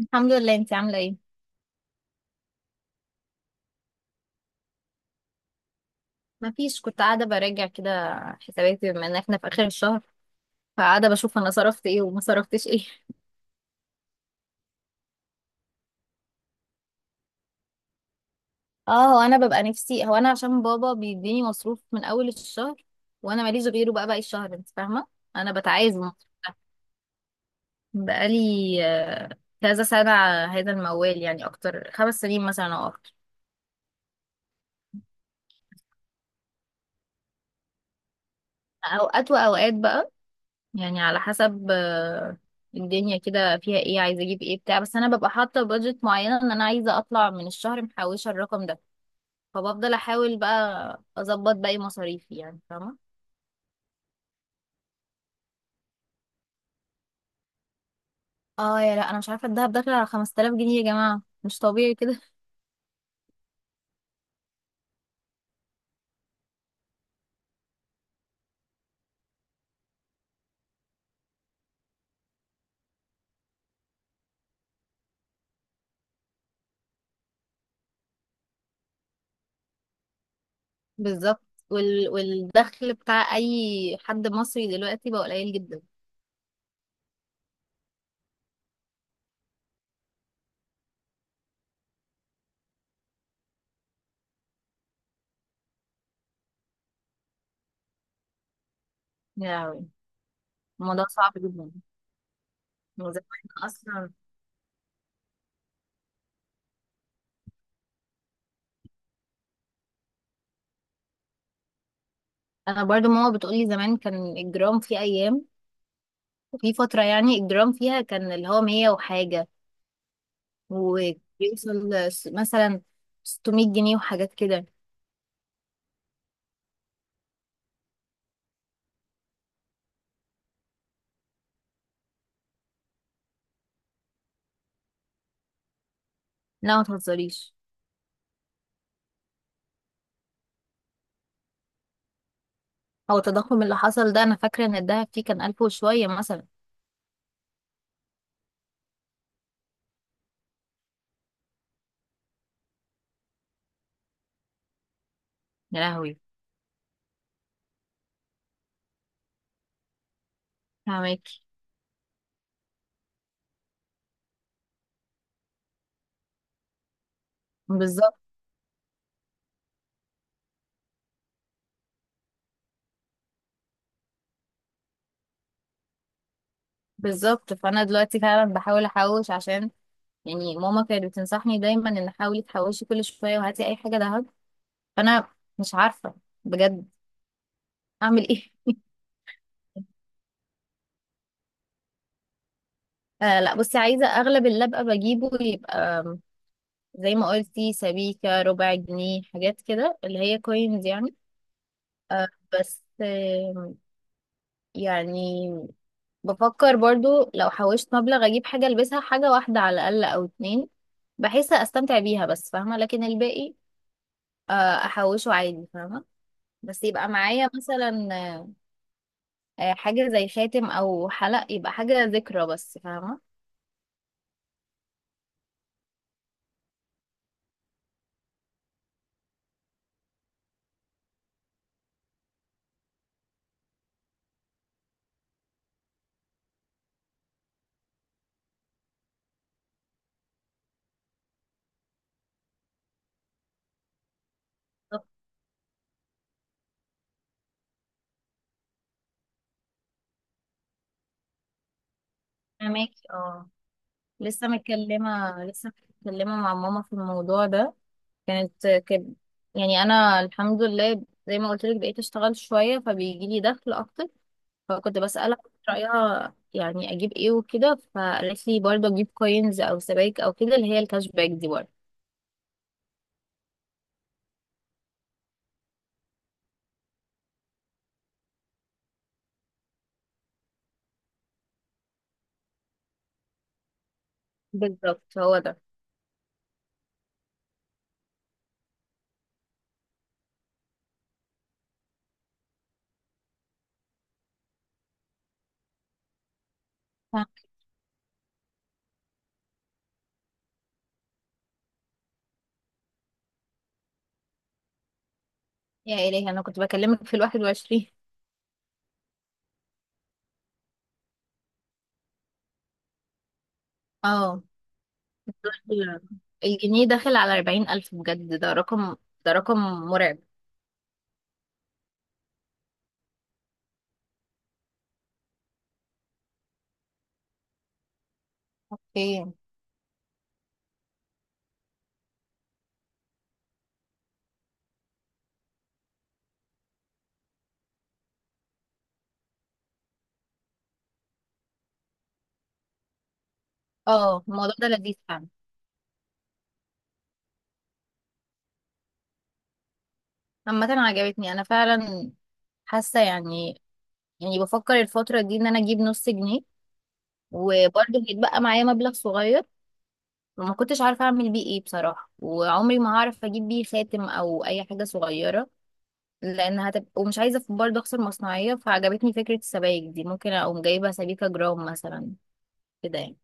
الحمد لله. انت عامله ايه؟ ما فيش، كنت قاعده براجع كده حساباتي، بما ان احنا في اخر الشهر، فقاعده بشوف انا صرفت ايه وما صرفتش ايه. اه، هو انا ببقى نفسي، هو انا عشان بابا بيديني مصروف من اول الشهر وانا ماليش غيره بقى باقي الشهر، انت فاهمه. انا بتعايز مصروف. بقالي آه، كذا سنه على هذا الموال، يعني اكتر 5 سنين مثلا او اكتر. اوقات واوقات بقى، يعني على حسب الدنيا كده فيها ايه، عايزه اجيب ايه بتاع، بس انا ببقى حاطه بادجت معينه ان انا عايزه اطلع من الشهر محوشه الرقم ده، فبفضل احاول بقى اظبط باقي مصاريفي يعني فاهمه. اه يا لا، انا مش عارفه، الدهب داخل على 5000 جنيه يا جماعه، مش طبيعي كده. بالظبط. والدخل بتاع اي حد مصري دلوقتي بقى قليل جدا. يا لهوي، الموضوع صعب جدا. وزمان اصلا، انا برضو ماما بتقولي زمان كان الجرام في ايام، في فترة يعني الجرام فيها كان اللي هو مية وحاجة، وبيوصل مثلا 600 جنيه وحاجات كده. لا ما تهزريش. هو التضخم اللي حصل ده، أنا فاكرة إن الدهب فيه كان ألف وشوية مثلا. يا لهوي. فاهمك. بالظبط بالظبط. فأنا دلوقتي فعلا بحاول أحوش عشان، يعني ماما كانت بتنصحني دايما إن حاولي تحوشي كل شوية وهاتي أي حاجة دهب. فأنا مش عارفة بجد أعمل إيه. آه لا، بصي، عايزة أغلب اللي أبقى بجيبه يبقى زي ما قلتي، سبيكة ربع جنيه حاجات كده اللي هي كوينز يعني. بس يعني بفكر برضو لو حوشت مبلغ اجيب حاجة البسها، حاجة واحدة على الاقل او اتنين، بحيث استمتع بيها بس فاهمة. لكن الباقي احوشه عادي فاهمة. بس يبقى معايا مثلا حاجة زي خاتم او حلق، يبقى حاجة ذكرى بس فاهمة. طب فاهماكي اه. لسه متكلمة لسه متكلمة مع ماما في الموضوع ده، كانت كده يعني. انا الحمد لله زي ما قلت لك بقيت اشتغل شويه، فبيجي لي دخل اكتر، فكنت بسالها رايها يعني اجيب ايه وكده. فقالت لي برضه اجيب كوينز او سبائك او كده اللي هي الكاش باك دي برضه. بالظبط، هو ده. ف- يا الهي، انا كنت بكلمك في 21. اه، الجنيه داخل على 40,000، بجد ده رقم، ده رقم مرعب. اوكي. اه، الموضوع ده لذيذ فعلا. عامة عجبتني أنا فعلا، حاسة يعني، يعني بفكر الفترة دي ان انا اجيب نص جنيه، وبرضه هيتبقى معايا مبلغ صغير وما كنتش عارفة اعمل بيه ايه بصراحة، وعمري ما هعرف اجيب بيه خاتم او اي حاجة صغيرة لان هتبقى، ومش عايزة برضه اخسر مصنعية. فعجبتني فكرة السبائك دي، ممكن اقوم جايبة سبيكة جرام مثلا كده يعني.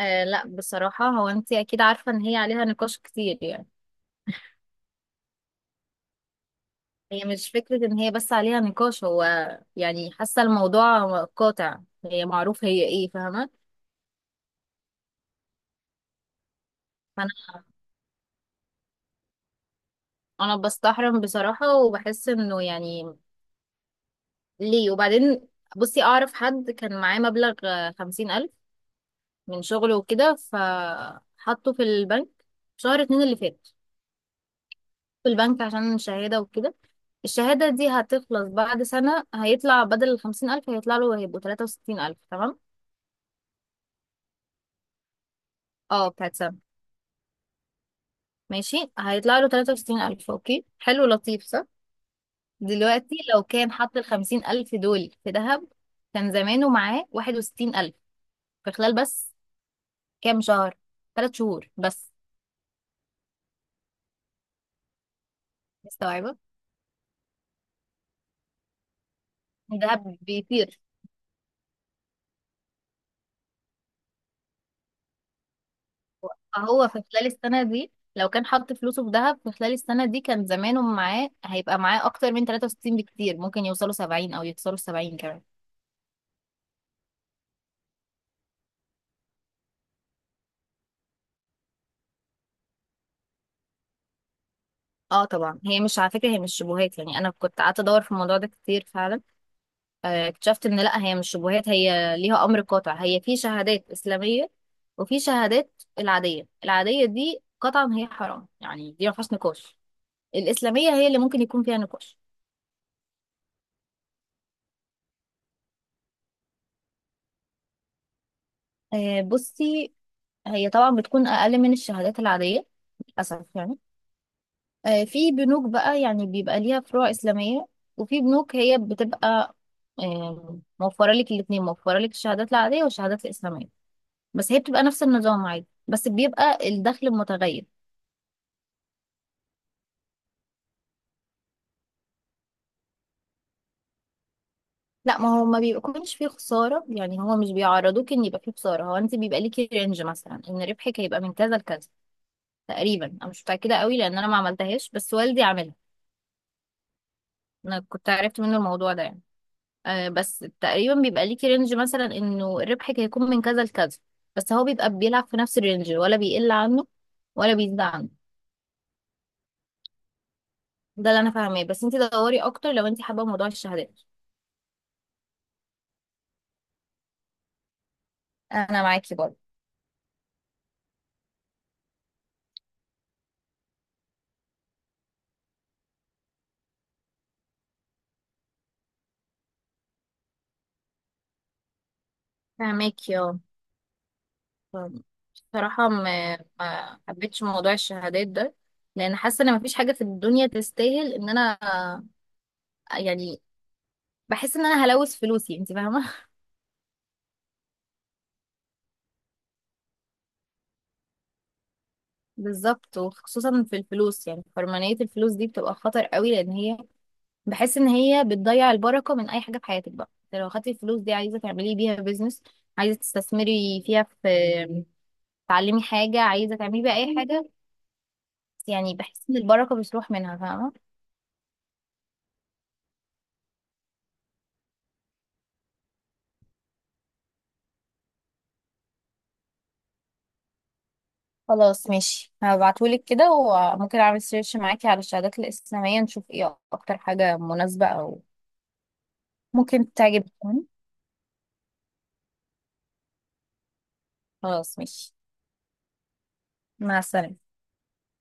آه لا بصراحة، هو انت اكيد عارفة ان هي عليها نقاش كتير يعني. هي مش فكرة ان هي بس عليها نقاش، هو يعني حاسة الموضوع قاطع، هي معروف هي ايه فاهمة. انا بستحرم بصراحة وبحس انه يعني ليه، وبعدين بصي اعرف حد كان معاه مبلغ 50,000 من شغله وكده، فحطه في البنك شهر اتنين اللي فات، في البنك عشان شهادة وكده. الشهادة دي هتخلص بعد سنة، هيطلع بدل 50,000 هيطلع له، هيبقوا 63,000 تمام. اه بتاعت سنة، ماشي هيطلع له 63,000، اوكي حلو لطيف صح. دلوقتي لو كان حط 50,000 دول في ذهب، كان زمانه معاه 61,000 في خلال بس كام شهر، 3 شهور بس. مستوعبة. الذهب بيطير. هو في خلال السنة دي، لو كان حط فلوسه في ذهب في خلال السنة دي، كان زمانه معاه، هيبقى معاه أكتر من 63 بكتير، ممكن يوصلوا 70 أو يوصلوا 70 كمان. اه طبعا، هي مش على فكرة هي مش شبهات يعني، أنا كنت قعدت أدور في الموضوع ده كتير فعلا. اكتشفت إن لأ هي مش شبهات، هي ليها أمر قاطع، هي في شهادات إسلامية وفي شهادات العادية. العادية دي قطعا هي حرام يعني، دي ما فيهاش نقاش. الإسلامية هي اللي ممكن يكون فيها نقاش. بصي، هي طبعا بتكون أقل من الشهادات العادية للأسف يعني. في بنوك بقى يعني بيبقى ليها فروع إسلامية، وفي بنوك هي بتبقى موفرة لك الاتنين، موفرة لك الشهادات العادية والشهادات الإسلامية، بس هي بتبقى نفس النظام عادي بس بيبقى الدخل متغير. لا، ما هو ما بيكونش فيه خسارة يعني، هو مش بيعرضوك ان يبقى فيه خسارة، هو انت بيبقى ليكي رينج مثلا ان ربحك هيبقى من كذا لكذا تقريبا. انا مش متأكدة قوي لان انا ما عملتهاش، بس والدي عملها. انا كنت عرفت منه الموضوع ده يعني. بس تقريبا بيبقى ليكي رينج مثلا انه ربحك هيكون من كذا لكذا، بس هو بيبقى بيلعب في نفس الرينج، ولا بيقل عنه ولا بيزيد عنه. ده اللي انا فاهماه، بس انت دوري اكتر لو انت حابه موضوع الشهادات. انا معاكي برضه. فاهماكي اه فاهمة. بصراحه ما حبيتش موضوع الشهادات ده، لان حاسه ان مفيش حاجه في الدنيا تستاهل ان انا يعني بحس ان انا هلوث فلوسي، انت فاهمه. بالظبط، وخصوصا في الفلوس، يعني حرمانية الفلوس دي بتبقى خطر قوي، لان هي بحس ان هي بتضيع البركه من اي حاجه في حياتك بقى. انت لو خدتي الفلوس دي عايزه تعملي بيها بيزنس، عايزه تستثمري فيها، في تعلمي حاجه، عايزه تعملي بيها اي حاجه، يعني بحس ان البركه بتروح منها فاهمه. خلاص ماشي، هبعتهولك كده، وممكن اعمل سيرش معاكي على الشهادات الاسلاميه نشوف ايه اكتر حاجه مناسبه، او ممكن تعجبك يعني. خلاص ماشي، مع السلامه.